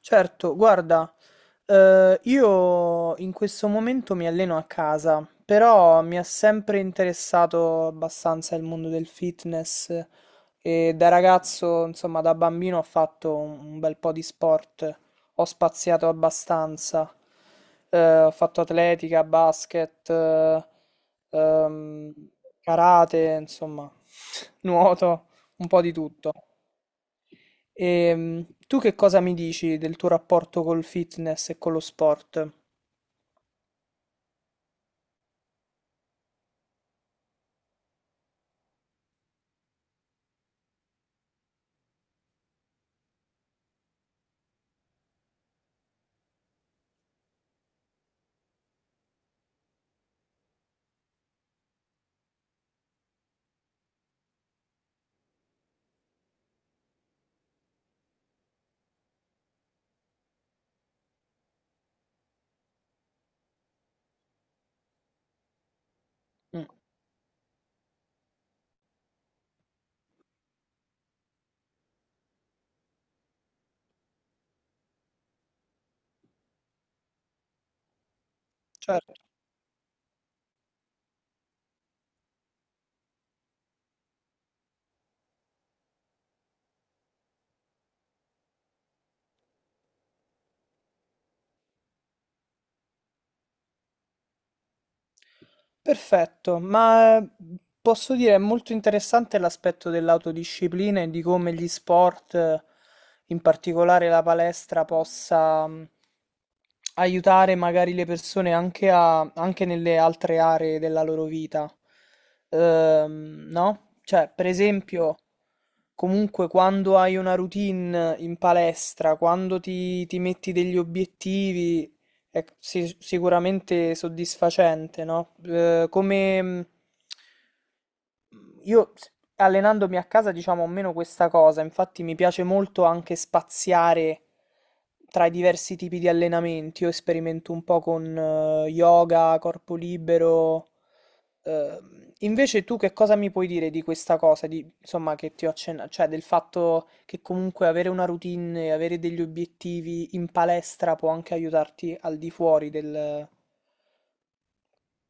Certo, guarda, io in questo momento mi alleno a casa, però mi ha sempre interessato abbastanza il mondo del fitness e da ragazzo, insomma, da bambino ho fatto un bel po' di sport, ho spaziato abbastanza. Ho fatto atletica, basket, ehm, karate, insomma, nuoto, un po' di tutto. E tu che cosa mi dici del tuo rapporto col fitness e con lo sport? Mm, certo. Perfetto, ma posso dire è molto interessante l'aspetto dell'autodisciplina e di come gli sport, in particolare la palestra, possa aiutare magari le persone anche, a, anche nelle altre aree della loro vita. No? Cioè, per esempio, comunque quando hai una routine in palestra, quando ti metti degli obiettivi, è sicuramente soddisfacente, no? Come io s- allenandomi a casa, diciamo, ho meno questa cosa, infatti mi piace molto anche spaziare tra i diversi tipi di allenamenti. Io sperimento un po' con yoga, corpo libero. Invece tu che cosa mi puoi dire di questa cosa, di, insomma, che ti ho accennato, cioè del fatto che comunque avere una routine e avere degli obiettivi in palestra può anche aiutarti al di fuori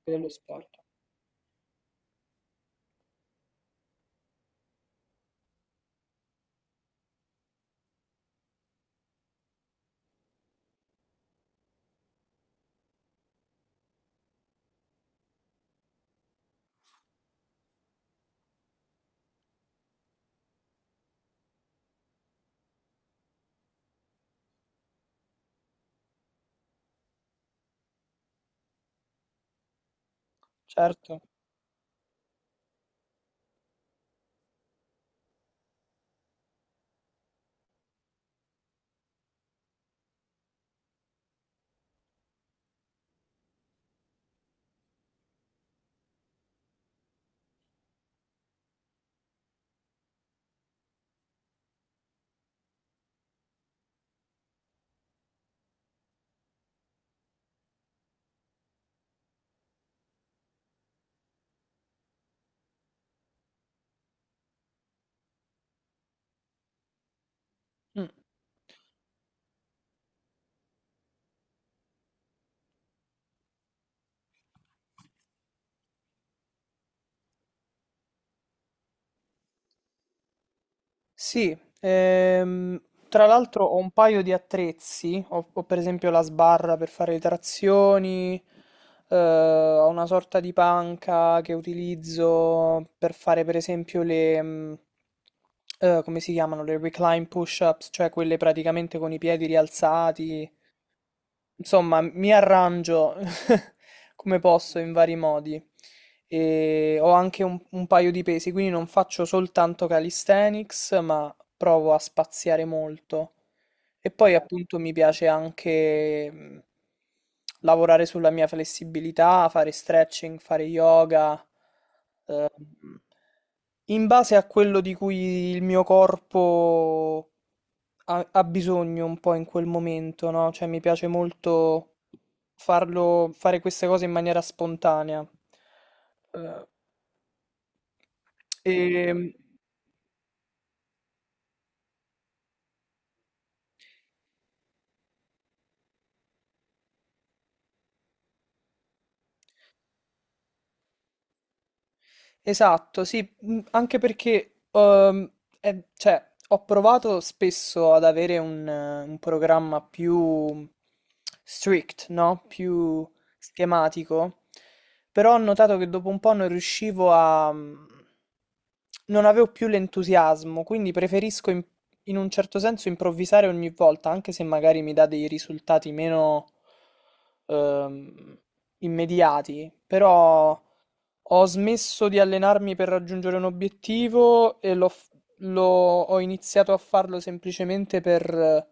dello sport. Certo. Mm. Sì, tra l'altro ho un paio di attrezzi, ho, ho per esempio la sbarra per fare le trazioni, ho una sorta di panca che utilizzo per fare per esempio le, come si chiamano, le recline push-ups, cioè quelle praticamente con i piedi rialzati. Insomma, mi arrangio come posso in vari modi e ho anche un paio di pesi, quindi non faccio soltanto calisthenics, ma provo a spaziare molto. E poi appunto mi piace anche lavorare sulla mia flessibilità, fare stretching, fare yoga, in base a quello di cui il mio corpo ha, ha bisogno un po' in quel momento, no? Cioè mi piace molto farlo, fare queste cose in maniera spontanea. Eh, e Esatto, sì, anche perché cioè, ho provato spesso ad avere un programma più strict, no? Più schematico, però ho notato che dopo un po' non riuscivo a... non avevo più l'entusiasmo, quindi preferisco in un certo senso improvvisare ogni volta, anche se magari mi dà dei risultati meno ehm, immediati, però... Ho smesso di allenarmi per raggiungere un obiettivo e ho iniziato a farlo semplicemente per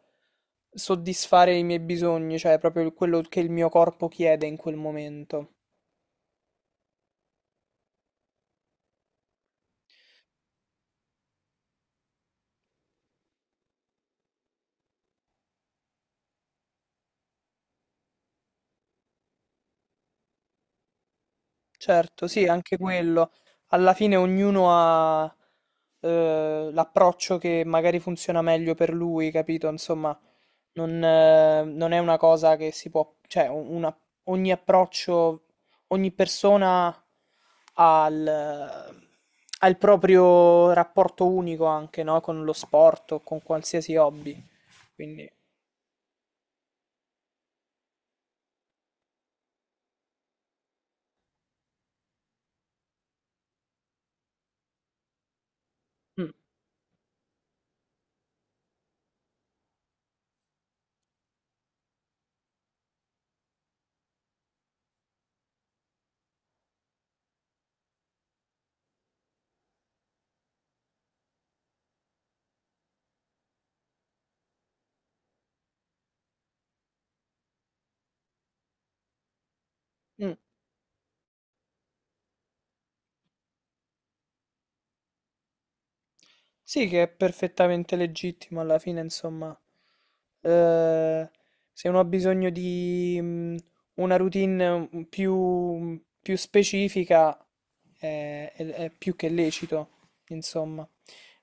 soddisfare i miei bisogni, cioè proprio quello che il mio corpo chiede in quel momento. Certo, sì, anche quello. Alla fine ognuno ha l'approccio che magari funziona meglio per lui, capito? Insomma, non è una cosa che si può, cioè, ogni approccio, ogni persona ha il proprio rapporto unico anche, no? Con lo sport o con qualsiasi hobby. Quindi, mm, mm. Sì, che è perfettamente legittimo alla fine, insomma. Eh, Se uno ha bisogno di una routine più, più specifica, è più che lecito, insomma.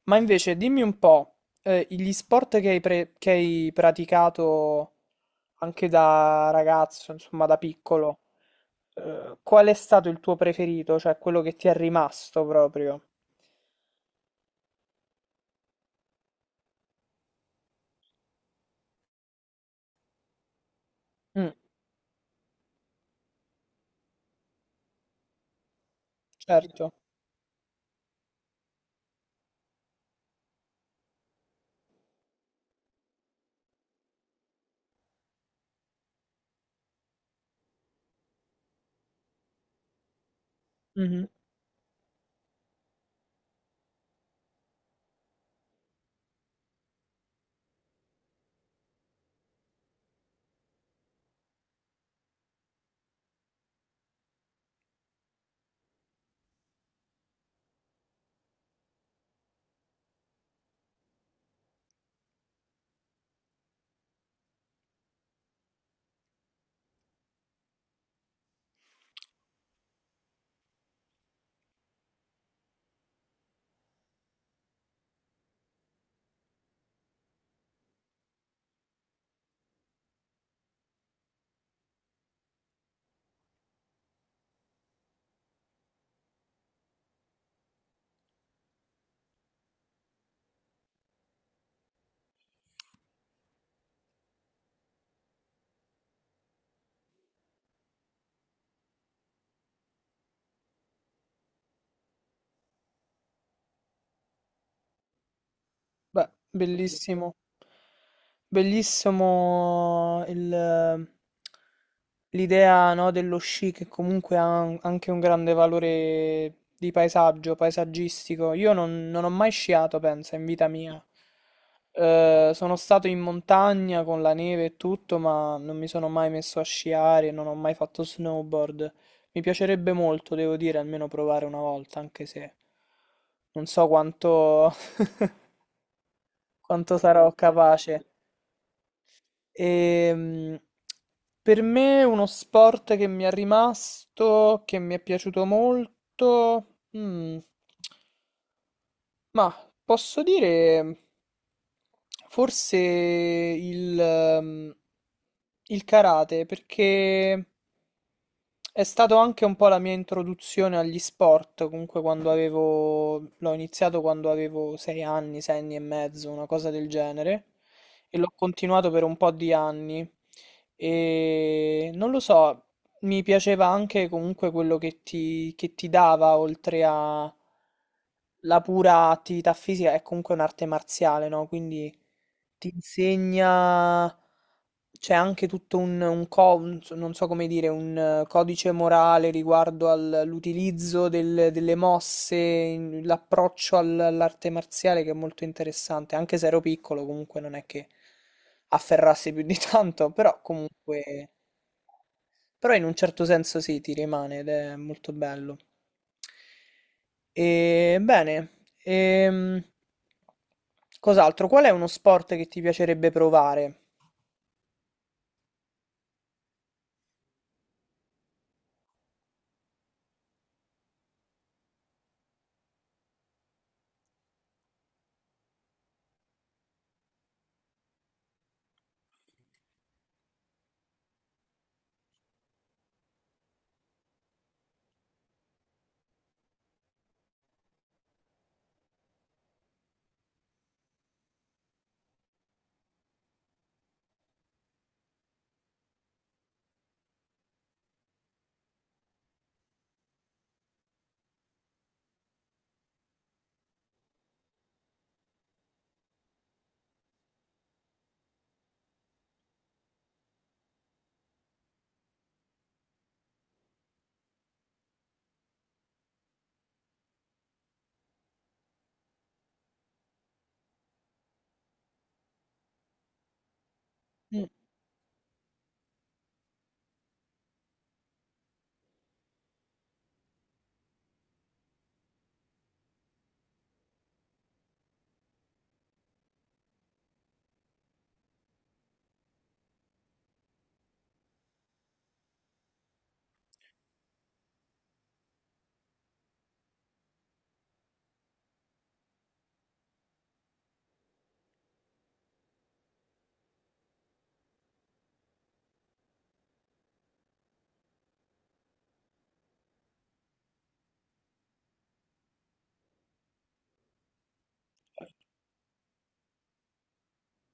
Ma invece, dimmi un po', gli sport che hai praticato anche da ragazzo, insomma, da piccolo, qual è stato il tuo preferito, cioè quello che ti è rimasto proprio? Mm, certo. Mm-hmm. Beh, bellissimo. Bellissimo l'idea, no, dello sci che comunque ha anche un grande valore di paesaggio, paesaggistico. Io non ho mai sciato, pensa, in vita mia. Sono stato in montagna con la neve e tutto, ma non mi sono mai messo a sciare, non ho mai fatto snowboard. Mi piacerebbe molto, devo dire, almeno provare una volta, anche se non so quanto sarò capace. Ehm, per me uno sport che mi è rimasto, che mi è piaciuto molto, mm, ma posso dire forse il karate, perché è stato anche un po' la mia introduzione agli sport, comunque quando avevo... l'ho iniziato quando avevo 6 anni, 6 anni e mezzo, una cosa del genere, e l'ho continuato per un po' di anni. E non lo so, mi piaceva anche comunque quello che ti dava, oltre a la pura attività fisica, è comunque un'arte marziale, no? Quindi ti insegna c'è anche tutto non so come dire, un codice morale riguardo all'utilizzo delle mosse, l'approccio all'arte marziale che è molto interessante, anche se ero piccolo comunque non è che afferrassi più di tanto, però comunque, però in un certo senso sì, ti rimane ed è molto bello. E, bene, ehm, cos'altro? Qual è uno sport che ti piacerebbe provare? Mm.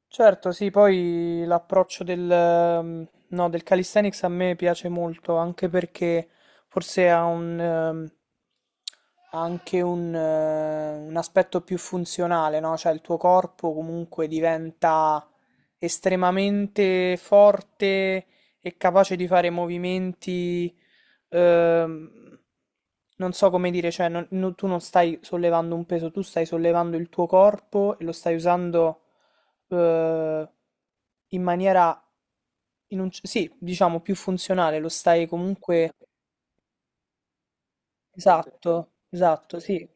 Certo, sì, poi l'approccio del, no, del calisthenics a me piace molto, anche perché forse ha un, ha anche un aspetto più funzionale, no? Cioè il tuo corpo comunque diventa estremamente forte e capace di fare movimenti, ehm, non so come dire, cioè tu non stai sollevando un peso, tu stai sollevando il tuo corpo e lo stai usando eh, in maniera sì, diciamo più funzionale, lo stai comunque. Esatto, esatto, sì,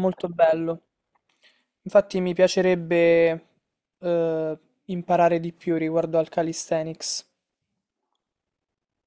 molto bello. Infatti mi piacerebbe eh, imparare di più riguardo al calisthenics.